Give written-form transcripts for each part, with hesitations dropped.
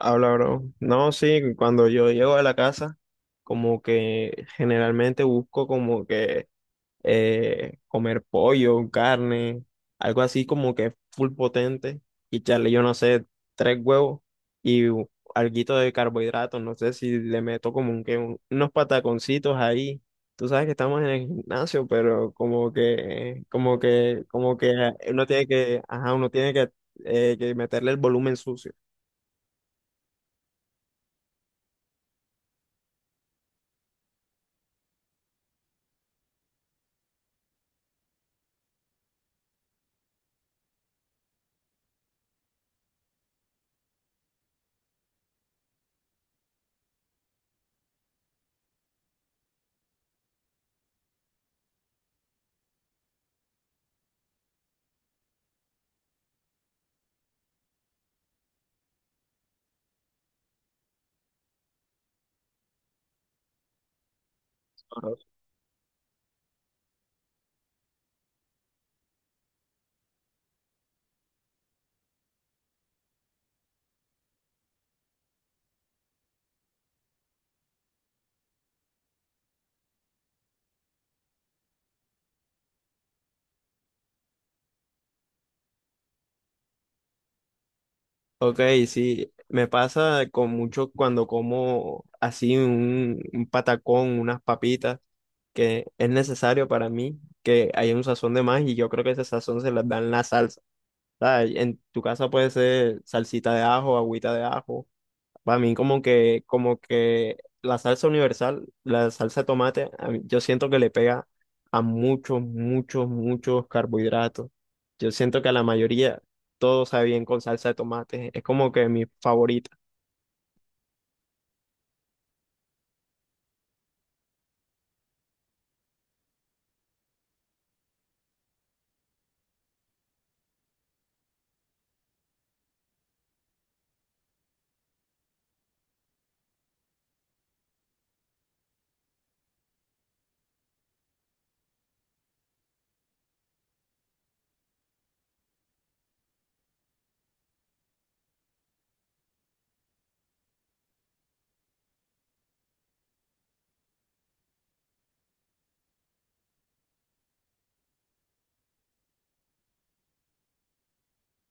Habla, bro. No, sí, cuando yo llego a la casa, como que generalmente busco como que comer pollo, carne, algo así como que full potente y echarle, yo no sé, 3 huevos y u- alguito de carbohidratos, no sé si le meto como un, unos pataconcitos ahí. Tú sabes que estamos en el gimnasio, pero como que uno tiene que, ajá, uno tiene que meterle el volumen sucio. Ok, sí, me pasa con mucho cuando como así un patacón, unas papitas, que es necesario para mí que haya un sazón de más y yo creo que ese sazón se las dan la salsa. ¿Sabes? En tu casa puede ser salsita de ajo, agüita de ajo, para mí como que la salsa universal, la salsa de tomate, yo siento que le pega a muchos, muchos, muchos carbohidratos. Yo siento que a la mayoría todo sabe bien con salsa de tomate. Es como que mi favorita.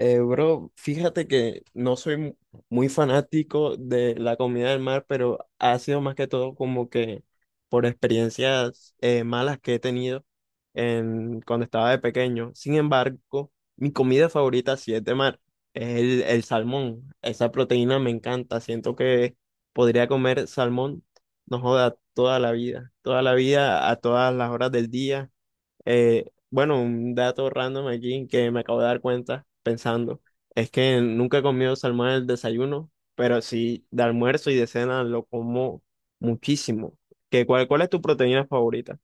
Bro, fíjate que no soy mu- muy fanático de la comida del mar, pero ha sido más que todo como que por experiencias malas que he tenido en, cuando estaba de pequeño. Sin embargo, mi comida favorita sí es de mar, es el salmón. Esa proteína me encanta, siento que podría comer salmón, no joda, toda la vida, a todas las horas del día. Bueno, un dato random aquí que me acabo de dar cuenta pensando, es que nunca he comido salmón en el desayuno, pero sí de almuerzo y de cena lo como muchísimo. ¿ Cuál es tu proteína favorita?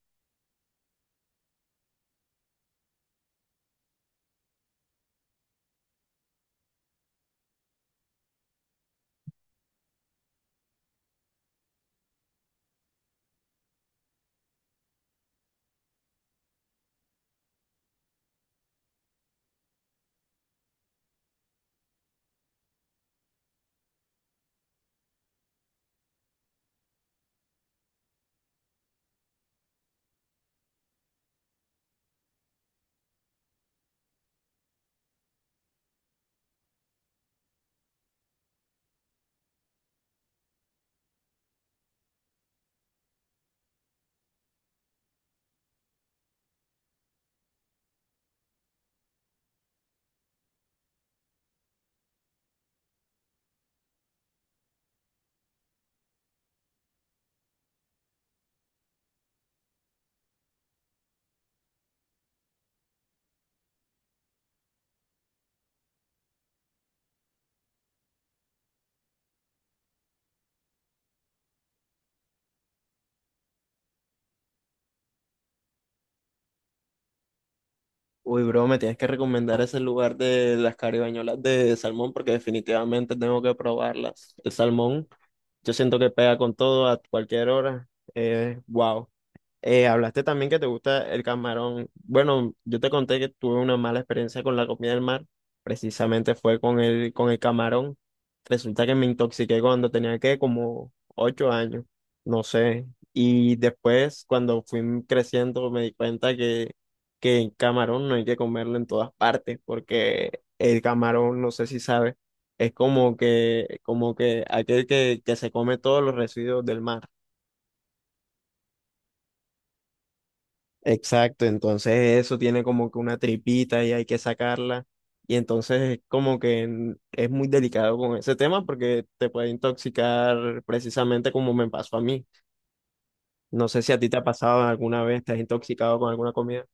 Uy, bro, me tienes que recomendar ese lugar de las caribañolas de salmón porque definitivamente tengo que probarlas. El salmón, yo siento que pega con todo a cualquier hora. Wow. Hablaste también que te gusta el camarón. Bueno, yo te conté que tuve una mala experiencia con la comida del mar. Precisamente fue con el camarón. Resulta que me intoxiqué cuando tenía que como 8 años, no sé. Y después, cuando fui creciendo, me di cuenta que el camarón no hay que comerlo en todas partes, porque el camarón, no sé si sabes, es como que aquel que se come todos los residuos del mar. Exacto, entonces eso tiene como que una tripita y hay que sacarla. Y entonces es muy delicado con ese tema porque te puede intoxicar precisamente como me pasó a mí. No sé si a ti te ha pasado alguna vez, te has intoxicado con alguna comida.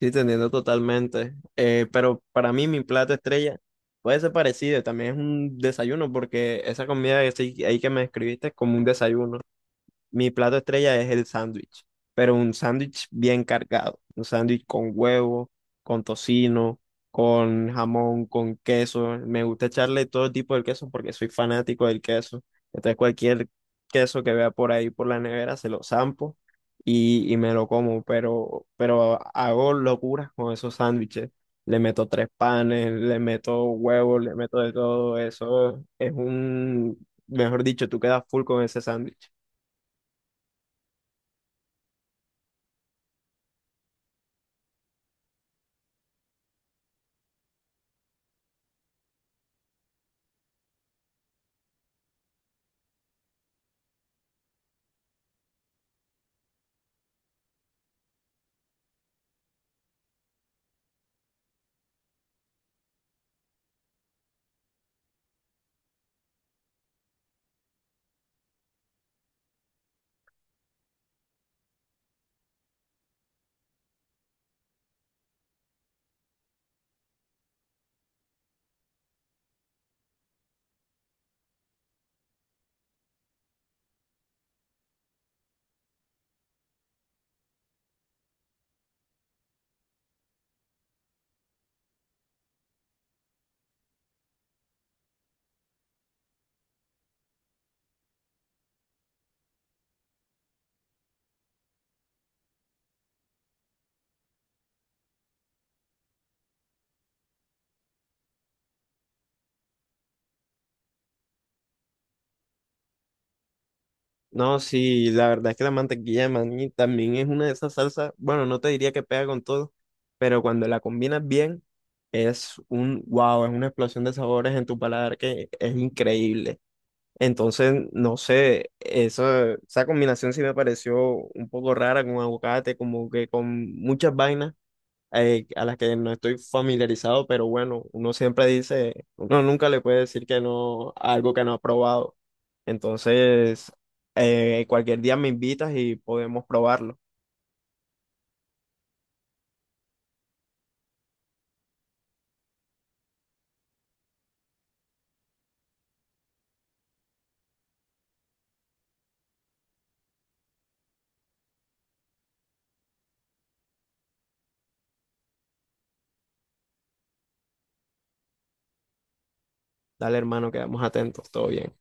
Sí, te entiendo totalmente. Pero para mí mi plato estrella puede ser parecido, también es un desayuno porque esa comida ahí que me escribiste es como un desayuno. Mi plato estrella es el sándwich, pero un sándwich bien cargado, un sándwich con huevo, con tocino, con jamón, con queso. Me gusta echarle todo tipo de queso porque soy fanático del queso. Entonces cualquier queso que vea por ahí por la nevera se lo zampo y me lo como, pero hago locuras con esos sándwiches. Le meto 3 panes, le meto huevos, le meto de todo. Eso es un, mejor dicho, tú quedas full con ese sándwich. No, sí, la verdad es que la mantequilla de maní también es una de esas salsas, bueno, no te diría que pega con todo, pero cuando la combinas bien, es un wow, es una explosión de sabores en tu paladar que es increíble. Entonces, no sé, eso, esa combinación sí me pareció un poco rara con aguacate, como que con muchas vainas a las que no estoy familiarizado, pero bueno, uno siempre dice, uno nunca le puede decir que no a algo que no ha probado. Entonces, cualquier día me invitas y podemos probarlo. Dale, hermano, quedamos atentos, todo bien.